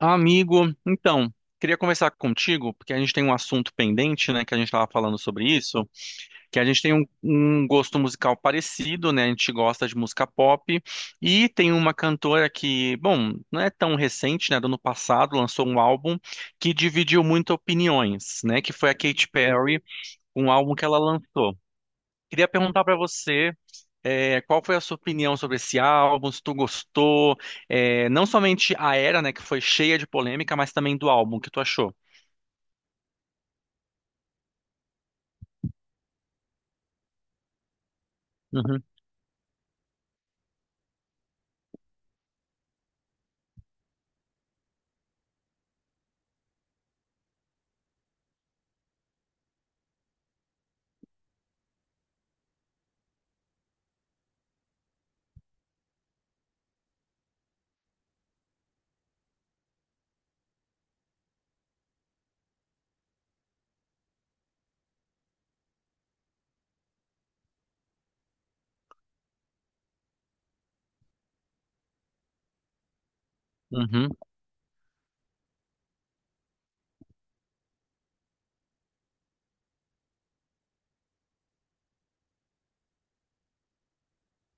Amigo, então, queria conversar contigo, porque a gente tem um assunto pendente, né, que a gente estava falando sobre isso, que a gente tem um gosto musical parecido, né, a gente gosta de música pop, e tem uma cantora que, bom, não é tão recente, né, do ano passado, lançou um álbum que dividiu muito opiniões, né, que foi a Katy Perry, um álbum que ela lançou. Queria perguntar para você qual foi a sua opinião sobre esse álbum? Se tu gostou? É, não somente a era, né, que foi cheia de polêmica, mas também do álbum, o que tu achou? Uhum, uhum,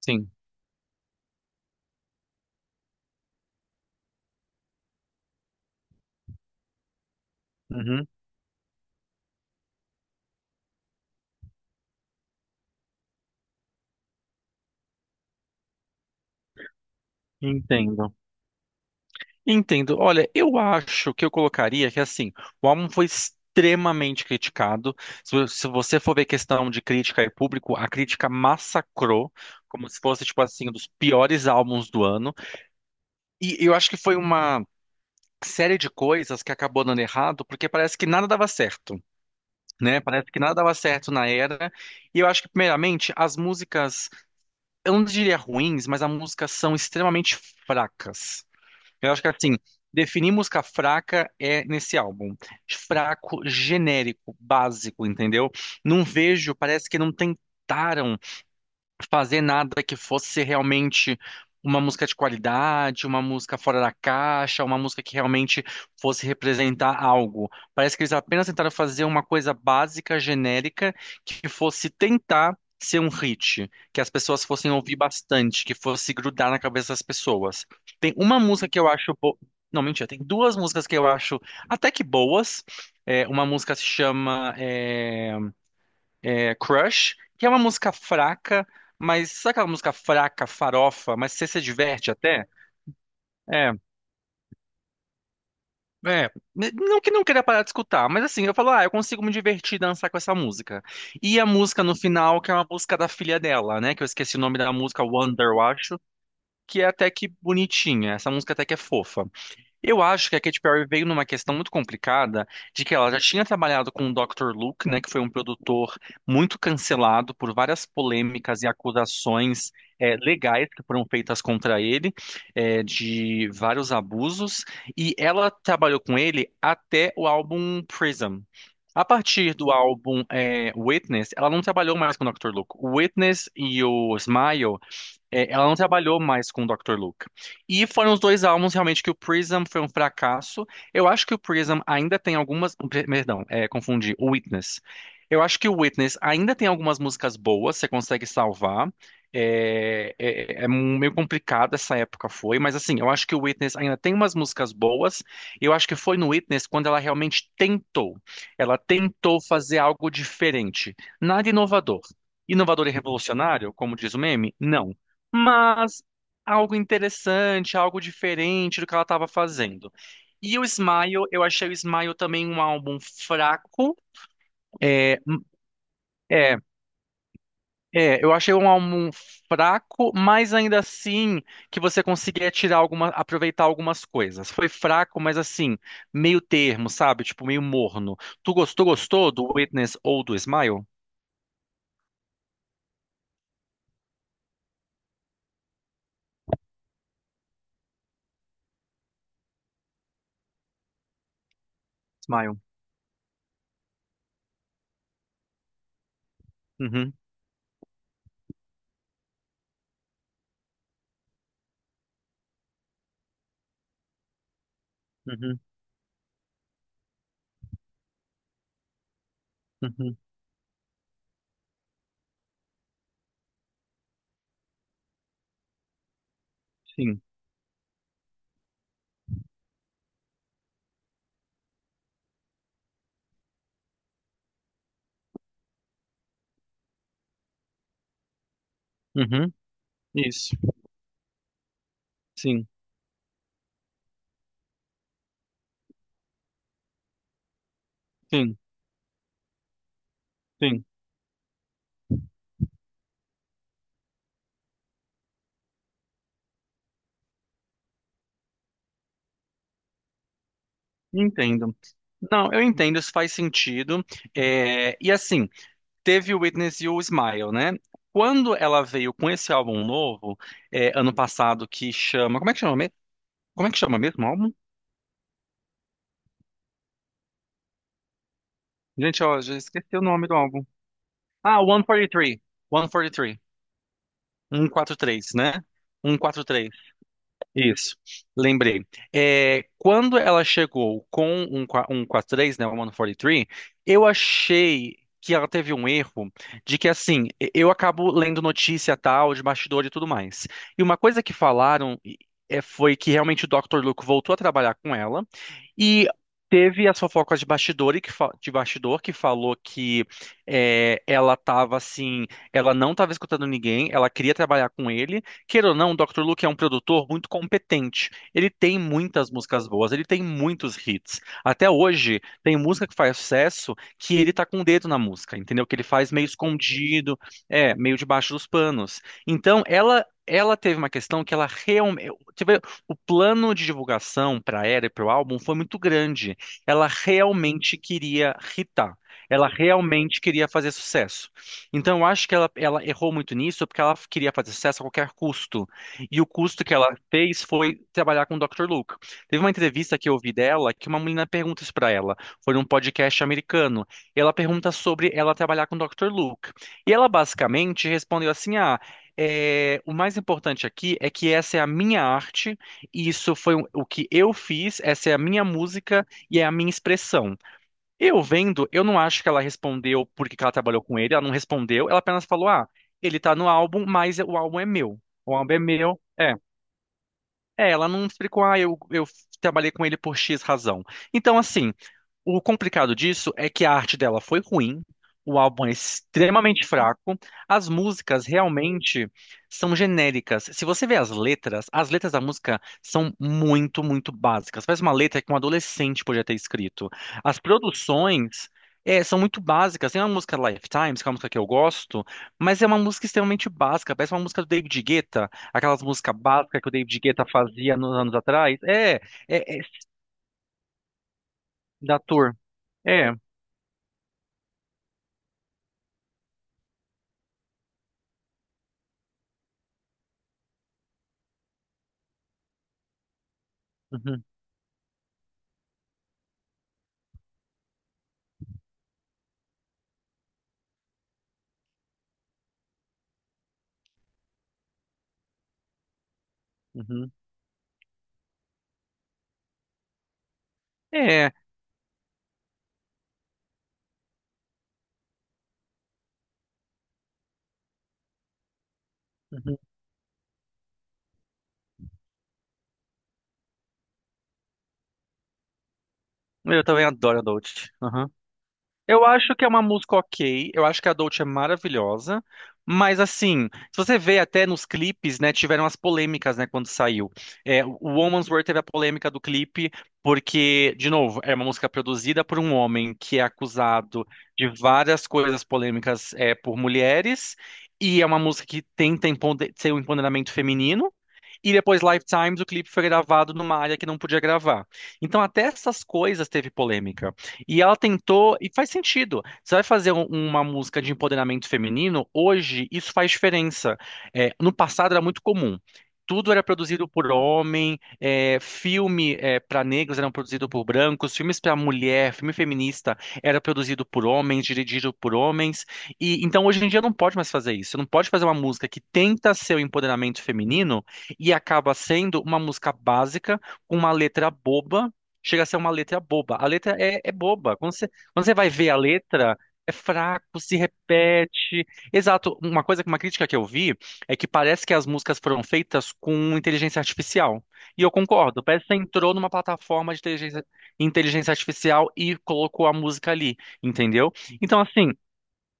sim, uhum, entendo. Entendo. Olha, eu acho que eu colocaria que assim, o álbum foi extremamente criticado. Se você for ver questão de crítica e público, a crítica massacrou, como se fosse tipo assim, um dos piores álbuns do ano. E eu acho que foi uma série de coisas que acabou dando errado, porque parece que nada dava certo, né? Parece que nada dava certo na era. E eu acho que, primeiramente, as músicas, eu não diria ruins, mas as músicas são extremamente fracas. Eu acho que, assim, definir música fraca é nesse álbum. Fraco, genérico, básico, entendeu? Não vejo, parece que não tentaram fazer nada que fosse realmente uma música de qualidade, uma música fora da caixa, uma música que realmente fosse representar algo. Parece que eles apenas tentaram fazer uma coisa básica, genérica, que fosse tentar ser um hit, que as pessoas fossem ouvir bastante, que fosse grudar na cabeça das pessoas. Tem uma música que eu acho bo... Não, mentira, tem duas músicas que eu acho até que boas. Uma música se chama Crush, que é uma música fraca, mas sabe aquela música fraca, farofa, mas você se diverte até? É, Não que não queira parar de escutar, mas assim, eu falo, ah, eu consigo me divertir e dançar com essa música. E a música no final, que é uma música da filha dela, né? Que eu esqueci o nome da música, Wonder, eu acho, que é até que bonitinha. Essa música até que é fofa. Eu acho que a Katy Perry veio numa questão muito complicada de que ela já tinha trabalhado com o Dr. Luke, né, que foi um produtor muito cancelado por várias polêmicas e acusações legais que foram feitas contra ele, de vários abusos, e ela trabalhou com ele até o álbum Prism. A partir do álbum Witness, ela não trabalhou mais com o Dr. Luke. O Witness e o Smile, é, ela não trabalhou mais com o Dr. Luke. E foram os dois álbuns realmente que o Prism foi um fracasso. Eu acho que o Prism ainda tem algumas. Perdão, é, confundi. O Witness. Eu acho que o Witness ainda tem algumas músicas boas, você consegue salvar. É, é meio complicado essa época foi, mas assim, eu acho que o Witness ainda tem umas músicas boas. E eu acho que foi no Witness quando ela realmente tentou. Ela tentou fazer algo diferente. Nada inovador. Inovador e revolucionário, como diz o meme? Não, mas algo interessante, algo diferente do que ela estava fazendo. E o Smile, eu achei o Smile também um álbum fraco. É, é, eu achei um álbum fraco, mas ainda assim que você conseguia tirar alguma, aproveitar algumas coisas. Foi fraco, mas assim, meio termo, sabe? Tipo, meio morno. Tu gostou, gostou do Witness ou do Smile? Smile. Uhum, uhum, uhum, sim. Uhum, isso. Sim, sim, sim. Entendo. Não, eu entendo, isso faz sentido. É, e assim, teve o Witness e o Smile, né? Quando ela veio com esse álbum novo, é, ano passado, que chama. Como é que chama mesmo? Como é que chama mesmo o álbum? Gente, ó, já esqueci o nome do álbum. Ah, 143. 143. Três, cento e quarenta e três, cento e quarenta e três, né? Cento e quarenta e três. Isso, lembrei. É, quando ela chegou com um 43, né, um o três, eu achei que ela teve um erro de que, assim, eu acabo lendo notícia tal, de bastidor e tudo mais. E uma coisa que falaram é, foi que realmente o Dr. Luke voltou a trabalhar com ela e teve as fofocas de bastidor, e que, de bastidor que falou que é, ela tava, assim, ela não estava escutando ninguém, ela queria trabalhar com ele. Queira ou não, o Dr. Luke é um produtor muito competente. Ele tem muitas músicas boas, ele tem muitos hits. Até hoje, tem música que faz sucesso que ele tá com o dedo na música, entendeu? Que ele faz meio escondido, é, meio debaixo dos panos. Então, ela. Ela teve uma questão que ela realmente. O plano de divulgação para ela e para o álbum foi muito grande. Ela realmente queria hitar. Ela realmente queria fazer sucesso. Então, eu acho que ela errou muito nisso porque ela queria fazer sucesso a qualquer custo. E o custo que ela fez foi trabalhar com o Dr. Luke. Teve uma entrevista que eu ouvi dela que uma menina pergunta isso pra ela. Foi num podcast americano. E ela pergunta sobre ela trabalhar com o Dr. Luke. E ela basicamente respondeu assim: Ah, é, o mais importante aqui é que essa é a minha arte, e isso foi o que eu fiz, essa é a minha música e é a minha expressão. Eu vendo, eu não acho que ela respondeu por que que ela trabalhou com ele, ela não respondeu, ela apenas falou: ah, ele tá no álbum, mas o álbum é meu. O álbum é meu, é. É, ela não explicou, ah, eu trabalhei com ele por X razão. Então, assim, o complicado disso é que a arte dela foi ruim, o álbum é extremamente fraco, as músicas realmente são genéricas. Se você vê as letras da música são muito básicas. Parece uma letra que um adolescente podia ter escrito. As produções é, são muito básicas. Tem uma música Lifetimes, que é uma música que eu gosto, mas é uma música extremamente básica. Parece uma música do David Guetta, aquelas músicas básicas que o David Guetta fazia nos anos atrás. É da tour. É. Uhum, uhum. É, uhum. Eu também adoro a Dolce. Uhum. Eu acho que é uma música ok, eu acho que a Dolce é maravilhosa, mas assim, se você vê até nos clipes, né, tiveram as polêmicas, né, quando saiu. É, o Woman's Worth teve a polêmica do clipe, porque, de novo, é uma música produzida por um homem que é acusado de várias coisas polêmicas é, por mulheres, e é uma música que tenta ser um empoderamento feminino. E depois Lifetimes, o clipe foi gravado numa área que não podia gravar. Então até essas coisas teve polêmica. E ela tentou, e faz sentido. Você vai fazer uma música de empoderamento feminino, hoje isso faz diferença. É, no passado era muito comum. Tudo era produzido por homem, é, filme para negros eram produzido por brancos, filmes para mulher, filme feminista era produzido por homens, dirigido por homens. E então hoje em dia não pode mais fazer isso. Você não pode fazer uma música que tenta ser o empoderamento feminino e acaba sendo uma música básica, com uma letra boba. Chega a ser uma letra boba. A letra é boba. Quando quando você vai ver a letra, é fraco, se repete. Exato. Uma coisa, uma crítica que eu vi é que parece que as músicas foram feitas com inteligência artificial. E eu concordo. Parece que você entrou numa plataforma de inteligência artificial e colocou a música ali, entendeu? Então, assim.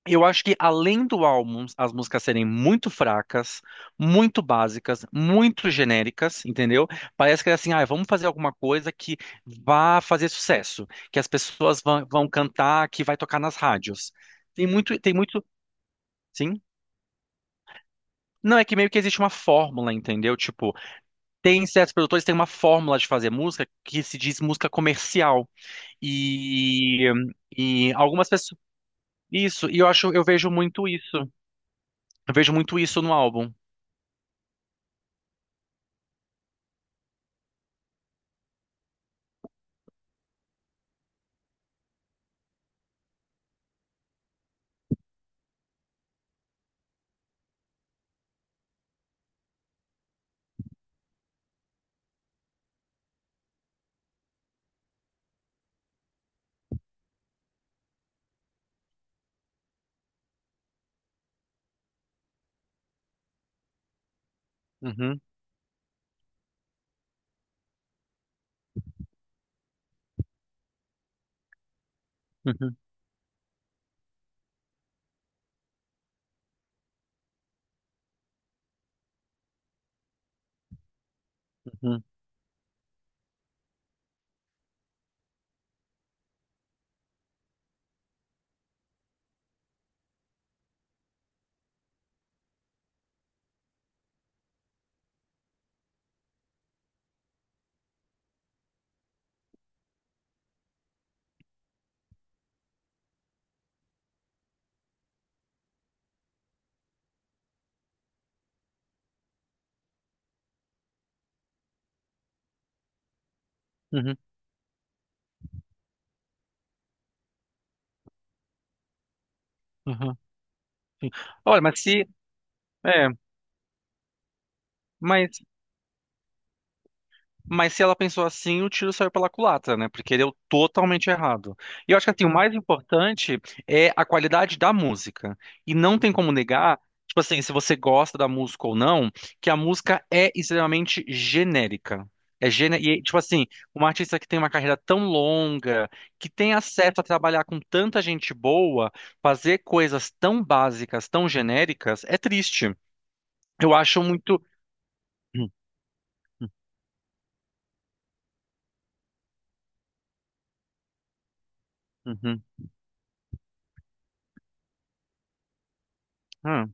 Eu acho que além do álbum, as músicas serem muito fracas, muito básicas, muito genéricas, entendeu? Parece que é assim, ah, vamos fazer alguma coisa que vá fazer sucesso, que as pessoas vão cantar, que vai tocar nas rádios. Tem muito, tem muito, sim. Não, é que meio que existe uma fórmula, entendeu? Tipo, tem certos produtores que têm uma fórmula de fazer música que se diz música comercial. E, e algumas pessoas. Isso, e eu acho, eu vejo muito isso. Eu vejo muito isso no álbum. Uhum. Uhum, uhum, uhum, uhum, sim. Olha, mas se, é, mas, mas se ela pensou assim, o tiro saiu pela culatra, né? Porque deu totalmente errado. E eu acho que assim, o mais importante é a qualidade da música. E não tem como negar, tipo assim, se você gosta da música ou não, que a música é extremamente genérica. É gene... E, tipo assim, uma artista que tem uma carreira tão longa, que tem acesso a trabalhar com tanta gente boa, fazer coisas tão básicas, tão genéricas, é triste. Eu acho muito. Uhum, uhum, ah,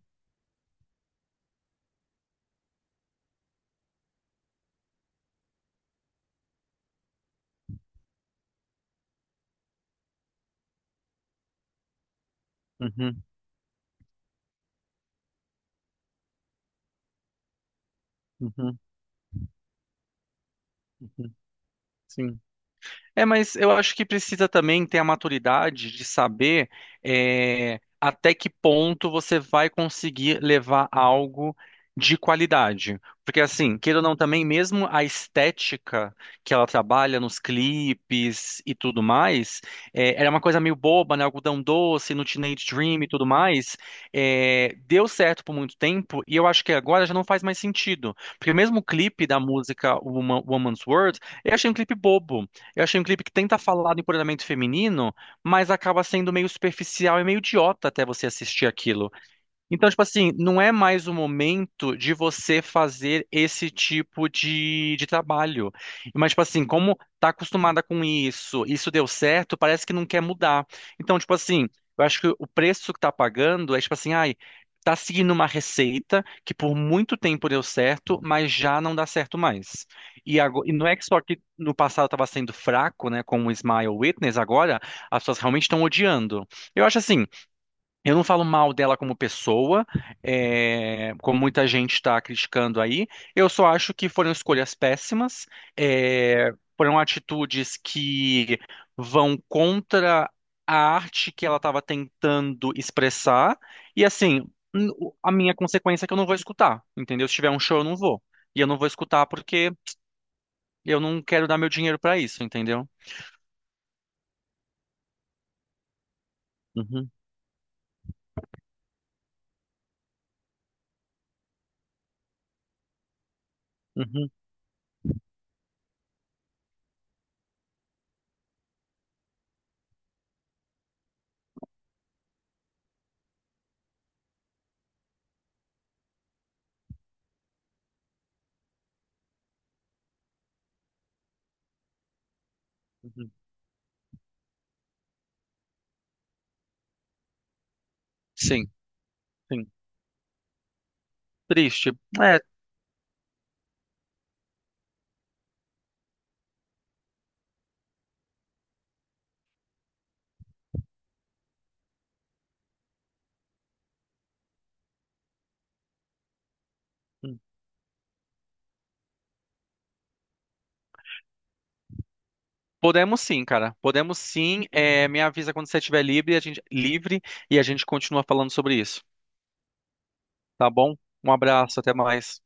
uhum, uhum, uhum, uhum, sim. É, mas eu acho que precisa também ter a maturidade de saber é, até que ponto você vai conseguir levar algo de qualidade. Porque, assim, queira ou não, também, mesmo a estética que ela trabalha nos clipes e tudo mais, é, era uma coisa meio boba, né? Algodão doce, no Teenage Dream e tudo mais, é, deu certo por muito tempo e eu acho que agora já não faz mais sentido. Porque mesmo o clipe da música Woman's World, eu achei um clipe bobo. Eu achei um clipe que tenta falar do empoderamento feminino, mas acaba sendo meio superficial e meio idiota até você assistir aquilo. Então, tipo assim, não é mais o momento de você fazer esse tipo de trabalho. Mas, tipo assim, como tá acostumada com isso, isso deu certo, parece que não quer mudar. Então, tipo assim, eu acho que o preço que tá pagando é, tipo assim, ai, tá seguindo uma receita que por muito tempo deu certo, mas já não dá certo mais. E, e não é que só que no passado estava sendo fraco, né, com o Smile Witness, agora as pessoas realmente estão odiando. Eu acho assim. Eu não falo mal dela como pessoa, é, como muita gente está criticando aí. Eu só acho que foram escolhas péssimas, é, foram atitudes que vão contra a arte que ela estava tentando expressar. E assim, a minha consequência é que eu não vou escutar, entendeu? Se tiver um show, eu não vou. E eu não vou escutar porque eu não quero dar meu dinheiro para isso, entendeu? Uhum, uhum, uhum. Sim, sim. Triste. É. Podemos sim, cara. Podemos sim. É, me avisa quando você estiver livre, a gente livre e a gente continua falando sobre isso. Tá bom? Um abraço, até mais.